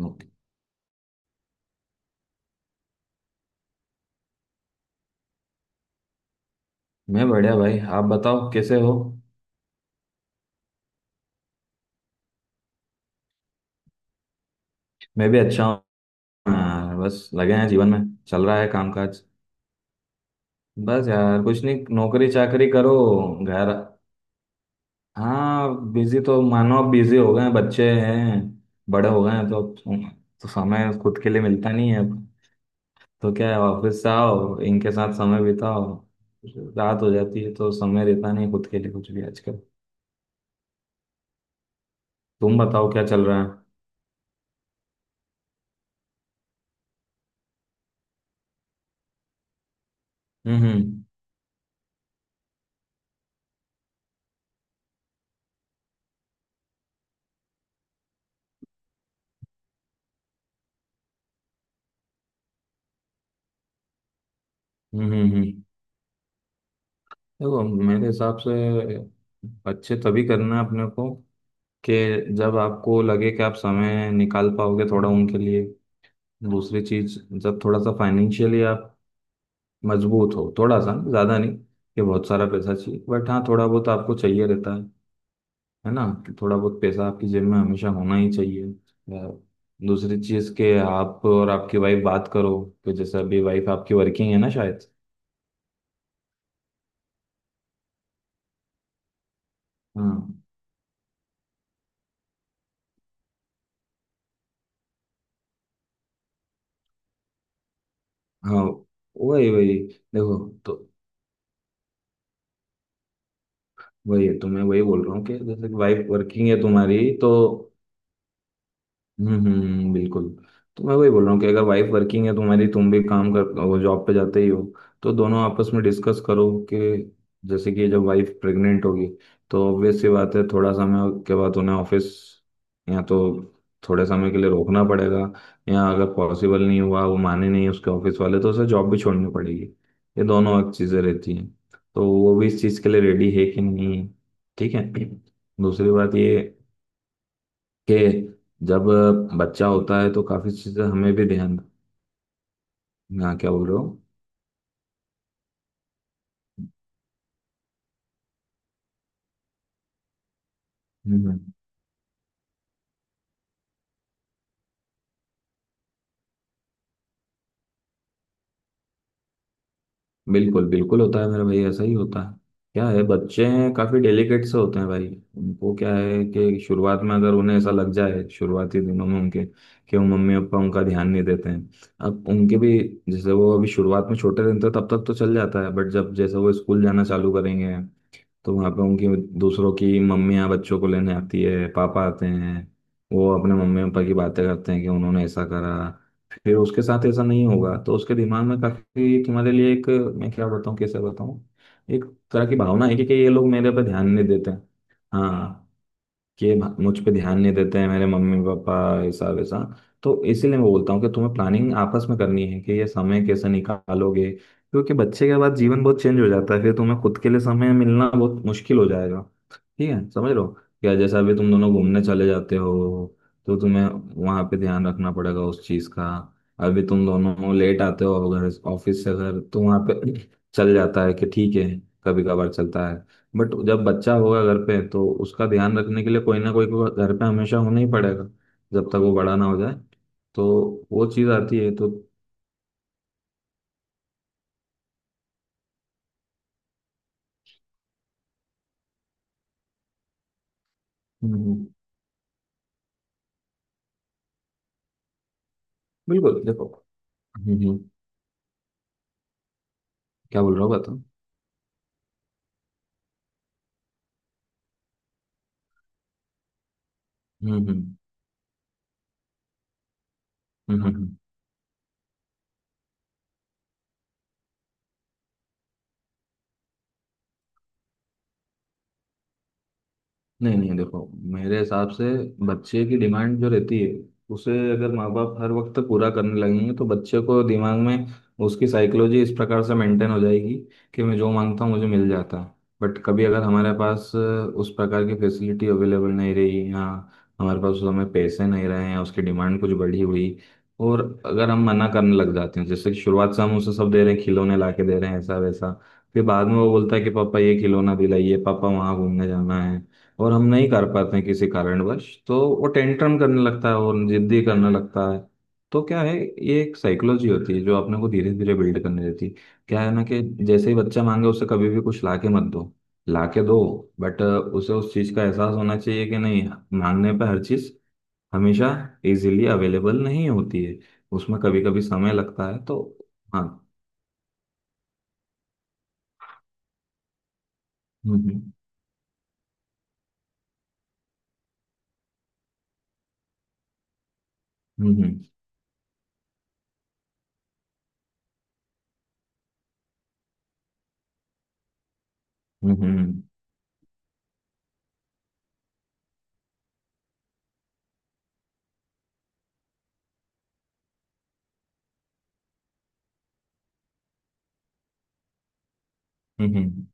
Okay. मैं बढ़िया भाई, आप बताओ कैसे हो। मैं भी अच्छा हूँ। हाँ, बस लगे हैं जीवन में। चल रहा है कामकाज। बस यार, कुछ नहीं, नौकरी चाकरी करो। घर। हाँ, बिजी तो मानो बिजी हो गए हैं, बच्चे हैं। बड़े हो गए हैं तो समय खुद के लिए मिलता नहीं है अब। तो क्या है, ऑफिस से आओ, इनके साथ समय बिताओ। रात हो जाती है तो समय रहता नहीं है खुद के लिए कुछ भी आजकल। तुम बताओ, क्या चल रहा है। हम्म हम्म हम्म हम्म हम्म। देखो, मेरे हिसाब से अच्छे तभी करना है अपने को, कि जब आपको लगे कि आप समय निकाल पाओगे थोड़ा उनके लिए। दूसरी चीज, जब थोड़ा सा फाइनेंशियली आप मजबूत हो। थोड़ा सा, ज़्यादा नहीं कि बहुत सारा पैसा चाहिए, बट हाँ, थोड़ा बहुत आपको चाहिए रहता है। है ना, कि थोड़ा बहुत पैसा आपकी जेब में हमेशा होना ही चाहिए। या दूसरी चीज़, के आप और आपकी वाइफ बात करो कि जैसे अभी वाइफ आपकी वर्किंग है ना शायद। हाँ, हाँ, वही वही। देखो, तो वही है, तो मैं वही बोल रहा हूँ कि जैसे वाइफ वर्किंग है तुम्हारी तो। बिल्कुल। तो मैं वही बोल रहा हूँ कि अगर वाइफ वर्किंग है तुम्हारी, तुम भी काम कर, वो जॉब पे जाते ही हो, तो दोनों आपस में डिस्कस करो कि जैसे कि जब वाइफ प्रेग्नेंट होगी, तो ऑब्वियस सी बात है थोड़ा समय के बाद उन्हें ऑफिस, या तो थोड़े समय के लिए रोकना पड़ेगा, या अगर पॉसिबल नहीं हुआ, वो माने नहीं उसके ऑफिस वाले, तो उसे जॉब भी छोड़नी पड़ेगी। ये दोनों एक चीज़ें रहती हैं। तो वो भी इस चीज़ के लिए रेडी है कि नहीं है। ठीक है। दूसरी बात ये कि जब बच्चा होता है तो काफी चीजें हमें भी ध्यान। हाँ, क्या बोल रहे हो। हम्म। बिल्कुल बिल्कुल होता है मेरे भाई, ऐसा ही होता है। क्या है, बच्चे काफी डेलिकेट से होते हैं भाई। उनको क्या है कि शुरुआत में अगर उन्हें ऐसा लग जाए, शुरुआती दिनों में उनके, कि वो मम्मी पापा उनका ध्यान नहीं देते हैं। अब उनके भी, जैसे वो अभी शुरुआत में छोटे रहते हैं तब तक तो चल जाता है, बट जब जैसे वो स्कूल जाना चालू करेंगे, तो वहाँ पे उनकी, दूसरों की मम्मियाँ बच्चों को लेने आती है, पापा आते हैं, वो अपने मम्मी पापा की बातें करते हैं कि उन्होंने ऐसा करा, फिर उसके साथ ऐसा नहीं होगा, तो उसके दिमाग में काफी तुम्हारे लिए एक, मैं क्या बताऊँ, कैसे बताऊँ, एक तरह की भावना है कि ये लोग मेरे पे ध्यान नहीं देते। हाँ। कि मुझ पे ध्यान नहीं देते हैं मेरे मम्मी पापा, ऐसा वैसा। तो इसीलिए मैं बोलता हूँ कि तुम्हें प्लानिंग आपस में करनी है कि ये समय कैसे निकालोगे, क्योंकि बच्चे के बाद जीवन बहुत चेंज हो जाता है, फिर तुम्हें खुद के लिए समय मिलना बहुत मुश्किल हो जाएगा। ठीक है, समझ लो। या जैसे अभी तुम दोनों घूमने चले जाते हो, तो तुम्हें वहाँ पे ध्यान रखना पड़ेगा उस चीज़ का। अभी तुम दोनों लेट आते हो घर, ऑफिस से घर, तो वहाँ पे चल जाता है कि ठीक है, कभी कभार चलता है, बट जब बच्चा होगा घर पे तो उसका ध्यान रखने के लिए कोई ना कोई को घर पे हमेशा होना ही पड़ेगा, जब तक वो बड़ा ना हो जाए। तो वो चीज आती है तो हम्म, बिल्कुल। देखो, हम्म हम्म, क्या बोल रहा हूँ बताओ। हम्म हम्म हम्म। नहीं नहीं, देखो, मेरे हिसाब से बच्चे की डिमांड जो रहती है, उसे अगर माँ बाप हर वक्त पूरा करने लगेंगे, तो बच्चे को दिमाग में, उसकी साइकोलॉजी इस प्रकार से मेंटेन हो जाएगी कि मैं जो मांगता हूँ मुझे मिल जाता है। बट कभी अगर हमारे पास उस प्रकार की फैसिलिटी अवेलेबल नहीं रही, या हमारे पास उस समय पैसे नहीं रहे, या उसकी डिमांड कुछ बढ़ी हुई, और अगर हम मना करने लग जाते हैं, जैसे कि शुरुआत से हम उसे सब दे रहे हैं, खिलौने ला के दे रहे हैं ऐसा वैसा, फिर बाद में वो बोलता है कि पापा ये खिलौना दिलाइए, पापा वहाँ घूमने जाना है, और हम नहीं कर पाते हैं किसी कारणवश, तो वो टेंट्रम करने लगता है और जिद्दी करने लगता है। तो क्या है, ये एक साइकोलॉजी होती है जो अपने को धीरे धीरे बिल्ड करने देती है। क्या है ना, कि जैसे ही बच्चा मांगे उसे कभी भी कुछ लाके मत दो। लाके दो, बट उसे उस चीज़ का एहसास होना चाहिए कि नहीं, मांगने पे हर चीज़ हमेशा इजीली अवेलेबल नहीं होती है, उसमें कभी कभी समय लगता है तो। हाँ। हम्म हम्म हम्म हम्म हम्म हम्म हम्म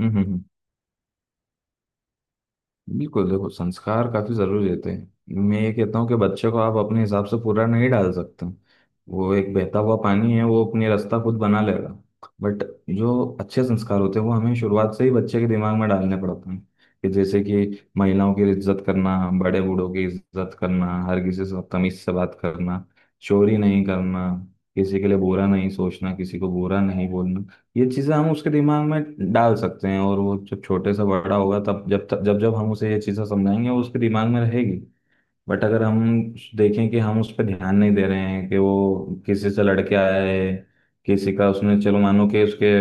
हम्म। बिल्कुल, देखो, संस्कार काफी जरूरी रहते हैं। मैं ये कहता हूँ कि बच्चे को आप अपने हिसाब से पूरा नहीं डाल सकते, वो एक बहता हुआ पानी है, वो अपनी रास्ता खुद बना लेगा। बट जो अच्छे संस्कार होते हैं वो हमें शुरुआत से ही बच्चे के दिमाग में डालने पड़ते हैं, कि जैसे कि महिलाओं की इज्जत करना, बड़े बूढ़ों की इज्जत करना, हर किसी से तमीज से बात करना, चोरी नहीं करना, किसी के लिए बुरा नहीं सोचना, किसी को बुरा नहीं बोलना। ये चीजें हम उसके दिमाग में डाल सकते हैं और वो जब छोटे से बड़ा होगा, तब, जब तक जब जब हम उसे ये चीजें समझाएंगे, वो उसके दिमाग में रहेगी। बट अगर हम देखें कि हम उस पर ध्यान नहीं दे रहे हैं कि वो किसी से लड़के आया है, किसी का उसने, चलो मानो कि उसके,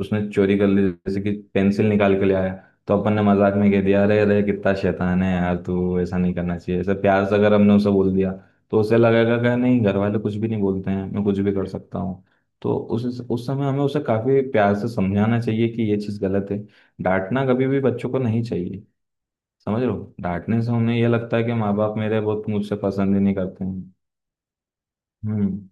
उसने चोरी कर ली, जैसे कि पेंसिल निकाल के ले आया, तो अपन ने मजाक में कह दिया, अरे अरे कितना शैतान है यार तू, ऐसा नहीं करना चाहिए, ऐसे प्यार से अगर हमने उसे बोल दिया, तो उसे लगेगा कि नहीं, घर वाले कुछ भी नहीं बोलते हैं, मैं कुछ भी कर सकता हूँ। तो उस समय हमें उसे काफी प्यार से समझाना चाहिए कि ये चीज़ गलत है। डांटना कभी भी बच्चों को नहीं चाहिए। समझ रहे हो, डांटने से उन्हें ये लगता है कि माँ बाप मेरे बहुत मुझसे पसंद ही नहीं करते हैं। हम्म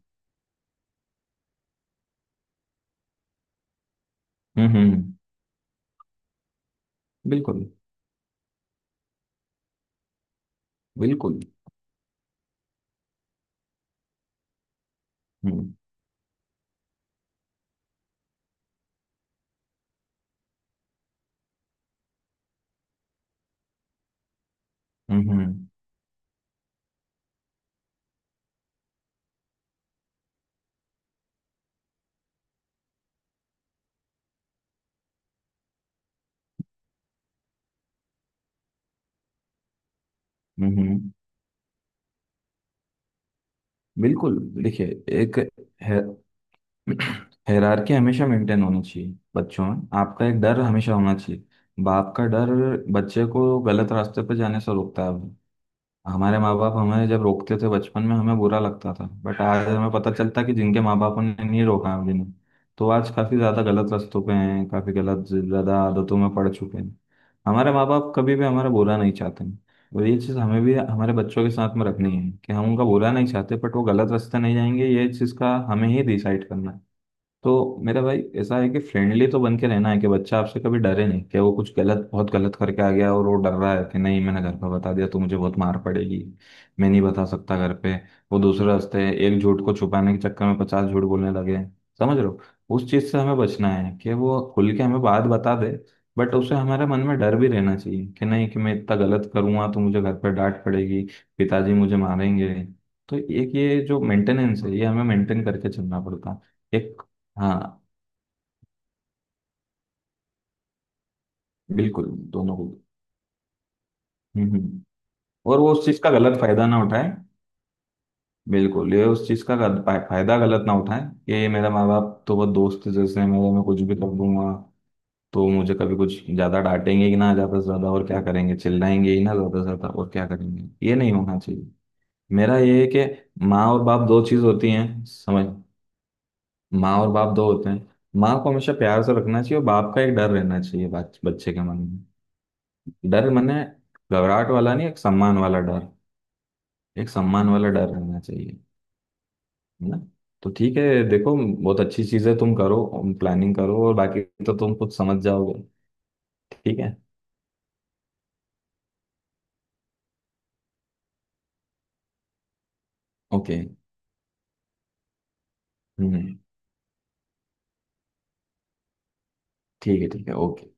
हम्म हम्म, हम्म। बिल्कुल बिल्कुल। हम्म हम्म हम्म हम्म, हम्म, हम्म। बिल्कुल, देखिए, एक है, हायरार्की हमेशा मेंटेन होनी चाहिए। बच्चों में आपका एक डर हमेशा होना चाहिए, बाप का डर। बच्चे को गलत रास्ते पर जाने से रोकता है। हमारे माँ बाप हमें जब रोकते थे बचपन में, हमें बुरा लगता था, बट आज हमें पता चलता कि जिनके माँ बापों ने नहीं रोका है जिन्हें, तो आज काफी ज्यादा गलत रास्तों पे हैं, काफी गलत ज्यादा आदतों में पड़ चुके हैं। हमारे माँ बाप कभी भी हमारा बुरा नहीं चाहते हैं, और ये चीज़ हमें भी हमारे बच्चों के साथ में रखनी है कि हम उनका बुरा नहीं चाहते, बट वो गलत रास्ते नहीं जाएंगे ये चीज़ का हमें ही डिसाइड करना है। तो मेरा भाई ऐसा है कि फ्रेंडली तो बन के रहना है कि बच्चा आपसे कभी डरे नहीं, कि वो कुछ गलत, बहुत गलत करके आ गया और वो डर रहा है कि नहीं, मैंने घर पर बता दिया तो मुझे बहुत मार पड़ेगी, मैं नहीं बता सकता घर पे, वो दूसरे रास्ते, एक झूठ को छुपाने के चक्कर में पचास झूठ बोलने लगे। समझ रहे हो, उस चीज से हमें बचना है कि वो खुल के हमें बात बता दे। बट उसे हमारे मन में डर भी रहना चाहिए कि नहीं कि मैं इतना गलत करूंगा तो मुझे घर पर डांट पड़ेगी, पिताजी मुझे मारेंगे। तो एक ये जो मेंटेनेंस है ये हमें मेंटेन करके चलना पड़ता है एक। हाँ, बिल्कुल, दोनों को। हम्म हम्म। और वो उस चीज का गलत फायदा ना उठाए। बिल्कुल, ये उस चीज का फायदा गलत ना उठाए कि ये मेरा माँ बाप तो बहुत दोस्त है जैसे हैं, मेरे, मैं कुछ भी कर दूंगा, तो मुझे कभी कुछ ज्यादा डांटेंगे ही ना, ज्यादा से ज्यादा और क्या करेंगे, चिल्लाएंगे ही ना, ज्यादा से ज्यादा और क्या करेंगे, ये नहीं होना चाहिए। मेरा ये है कि माँ और बाप दो चीज होती हैं, समझ। माँ और बाप दो होते हैं। माँ को हमेशा प्यार से रखना चाहिए, और बाप का एक डर रहना चाहिए बच्चे के मन में। डर मैंने, घबराहट वाला नहीं, एक सम्मान वाला डर। एक सम्मान वाला डर रहना चाहिए। है ना। तो ठीक है, देखो, बहुत अच्छी चीज है, तुम करो, प्लानिंग करो, और बाकी तो तुम कुछ समझ जाओगे। ठीक है। ओके। हम्म। ठीक है, ठीक है, ओके।